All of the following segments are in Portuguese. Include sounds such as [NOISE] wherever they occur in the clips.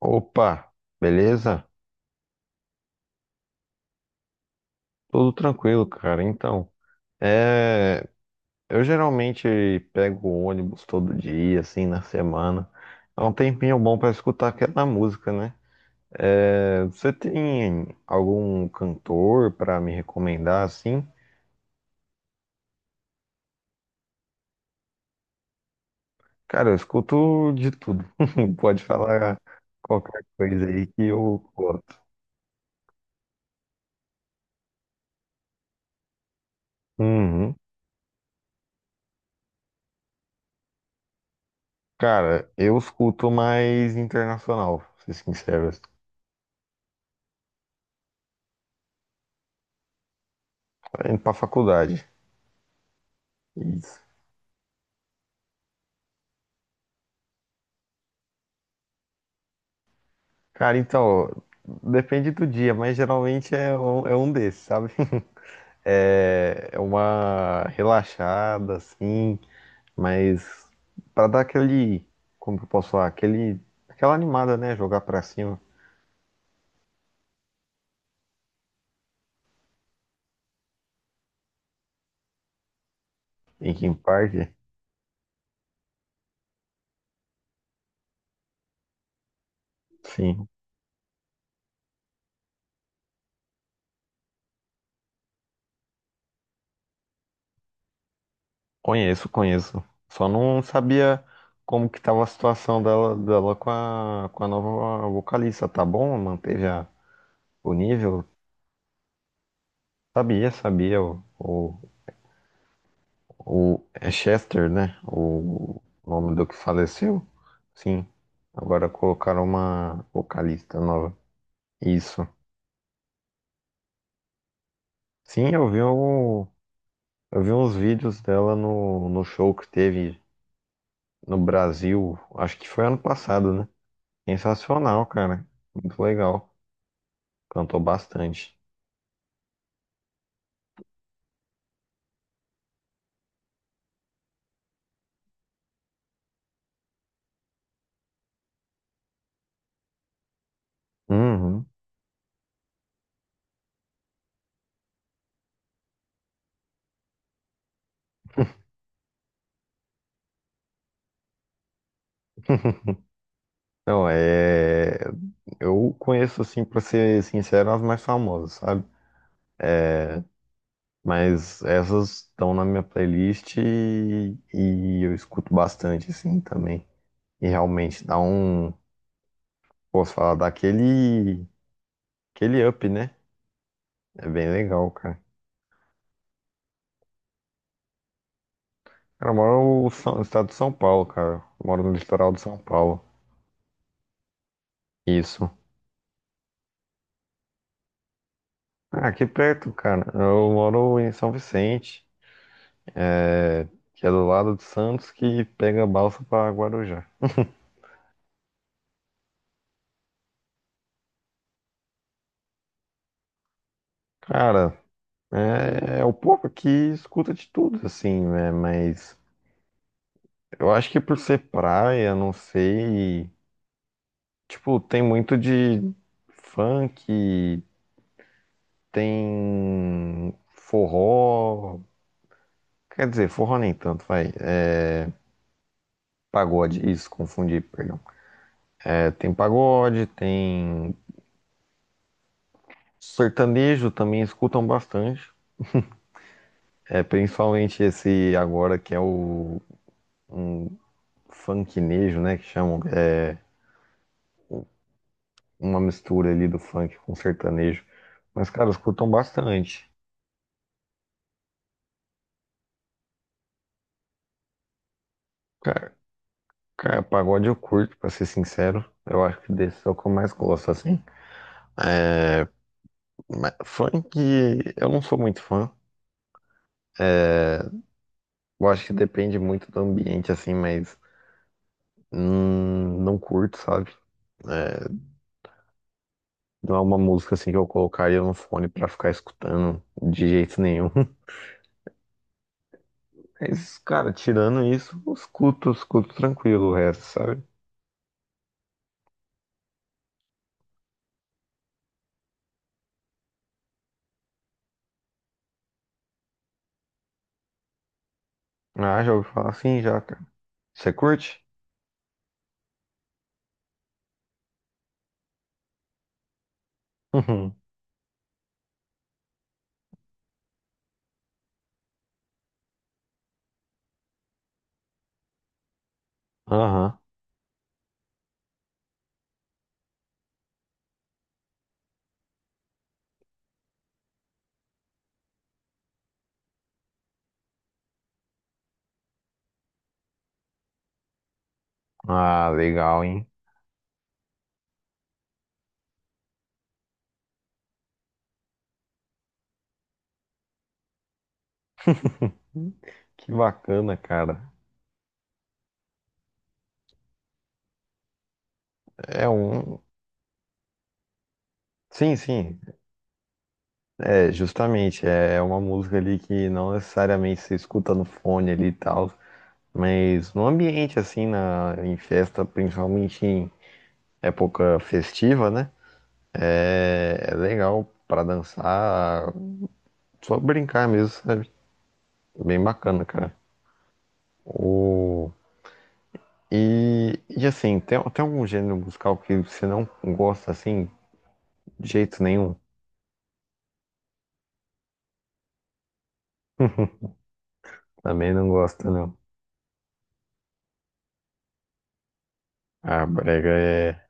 Opa, beleza? Tudo tranquilo, cara. Então, é, eu geralmente pego o ônibus todo dia, assim, na semana. É um tempinho bom pra escutar aquela música, né? Você tem algum cantor pra me recomendar, assim? Cara, eu escuto de tudo. [LAUGHS] Pode falar qualquer coisa aí que eu gosto. Uhum. Cara, eu escuto mais internacional, pra ser sincero. Tô indo pra faculdade. Isso. Cara, então, depende do dia, mas geralmente é um desses, sabe? [LAUGHS] É uma relaxada, assim, mas pra dar aquele, como que eu posso falar, aquele, aquela animada, né? Jogar pra cima. Em Kim Park, sim. Conheço, conheço. Só não sabia como que tava a situação dela com a nova vocalista, tá bom? Manteve o nível? Sabia, sabia. O, O é Chester, né? O nome do que faleceu? Sim. Agora colocaram uma vocalista nova. Isso. Sim, eu vi, eu vi uns vídeos dela no show que teve no Brasil. Acho que foi ano passado, né? Sensacional, cara. Muito legal. Cantou bastante. Uhum. Não, é. Eu conheço, assim, pra ser sincero, as mais famosas, sabe? Mas essas estão na minha playlist e eu escuto bastante, assim, também. E realmente dá um. Posso falar daquele. Aquele up, né? É bem legal, cara. Cara, eu moro no estado de São Paulo, cara. Eu moro no litoral de São Paulo. Isso. Ah, aqui perto, cara. Eu moro em São Vicente, é, que é do lado de Santos, que pega a balsa pra Guarujá. Cara, é o povo que escuta de tudo, assim, né? Mas. Eu acho que por ser praia, não sei. Tipo, tem muito de funk, tem forró. Quer dizer, forró nem tanto, vai. É pagode, isso, confundi, perdão. Tem pagode, tem sertanejo também escutam bastante. Principalmente esse agora que é o funknejo, né? Que chamam. É uma mistura ali do funk com sertanejo. Mas, cara, escutam bastante. Cara, pagode eu curto, pra ser sincero. Eu acho que desse é o que eu mais gosto, assim. Mas funk, eu não sou muito fã. Eu acho que depende muito do ambiente, assim, mas não curto, sabe? É, não é uma música, assim, que eu colocaria no fone pra ficar escutando de jeito nenhum. [LAUGHS] Mas, cara, tirando isso, eu escuto tranquilo o resto, sabe? Ah, já ouvi falar assim, já, cara. Você curte? [LAUGHS] Aham. Ah, legal, hein? Que bacana, cara. É um. Sim, sim, é justamente, é uma música ali que não necessariamente se escuta no fone ali e tal, mas no ambiente assim, em festa, principalmente em época festiva, né? É legal pra dançar, só brincar mesmo, sabe? Bem bacana, cara. O, e assim, tem algum gênero musical que você não gosta assim, de jeito nenhum? [LAUGHS] Também não gosta, não. Ah, brega é,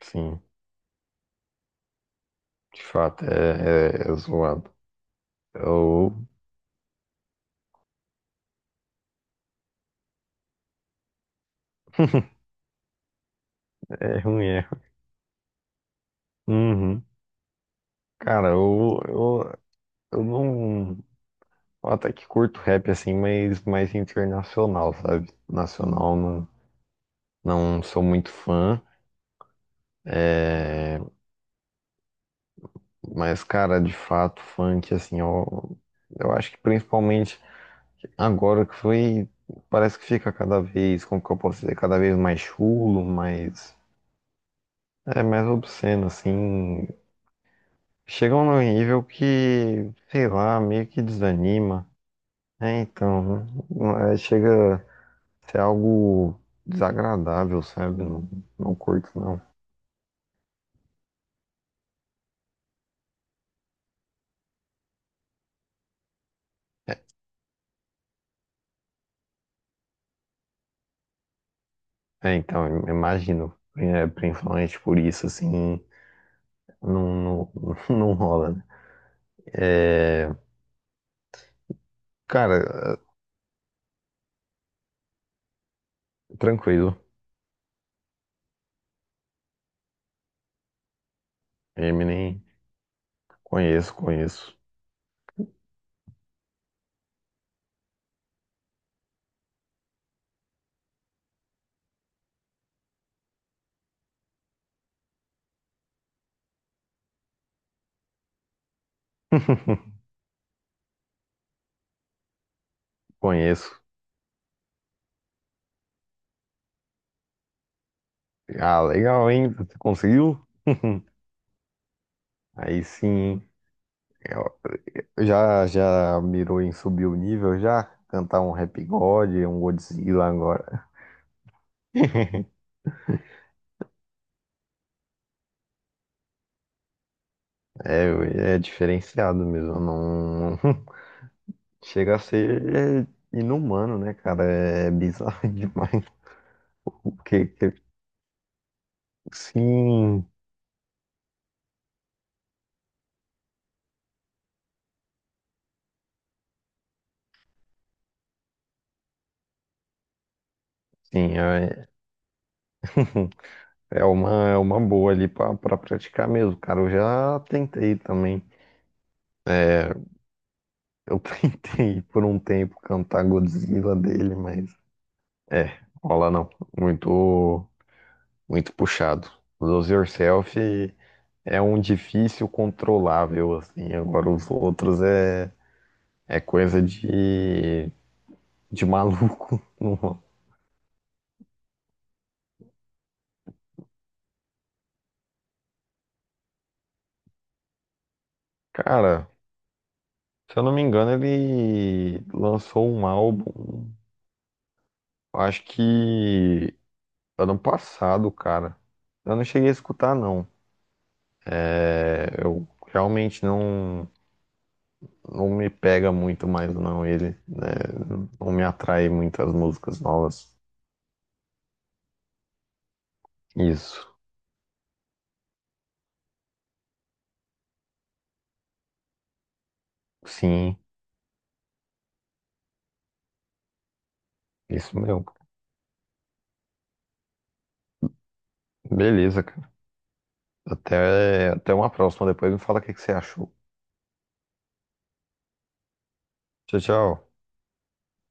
sim. De fato, é zoado. Eu... [LAUGHS] É ruim, é. Uhum. Cara, eu não. eu Até que curto rap assim, mas mais internacional, sabe? Nacional não, não sou muito fã. É, mas, cara, de fato, funk, assim, eu acho que principalmente agora que foi. Parece que fica cada vez, como que eu posso dizer, cada vez mais chulo, mais. É mais obsceno, assim. Chegam num nível que, sei lá, meio que desanima, né? Então, não é- chega a ser algo desagradável, sabe? Não, não curto, não. É, então, imagino, principalmente por isso, assim, não, não, [LAUGHS] não rola, né? É, cara, tranquilo. Eminem, conheço, conheço. [LAUGHS] Conheço. Ah, legal, hein? Você conseguiu? [LAUGHS] Aí sim. Eu- já mirou em subir o nível já? Cantar um Rap God, um Godzilla agora. [LAUGHS] É diferenciado mesmo. Não. [LAUGHS] Chega a ser inumano, né, cara? É bizarro [LAUGHS] demais. Porque, que- sim, sim, é uma boa ali pra praticar mesmo, cara. Eu já tentei também. Eu [LAUGHS] tentei por um tempo cantar Godzilla dele, mas é, rola não. Muito, muito puxado. Lose Yourself é um difícil controlável, assim. Agora os outros é coisa de maluco. [LAUGHS] Não. Cara, se eu não me engano, ele lançou um álbum, acho que ano passado, cara. Eu não cheguei a escutar, não. Eu realmente não me pega muito mais, não, ele, né? Não me atrai muito as músicas novas. Isso, sim, isso mesmo. Beleza, cara. Até uma próxima. Depois me fala o que que você achou. Tchau, tchau.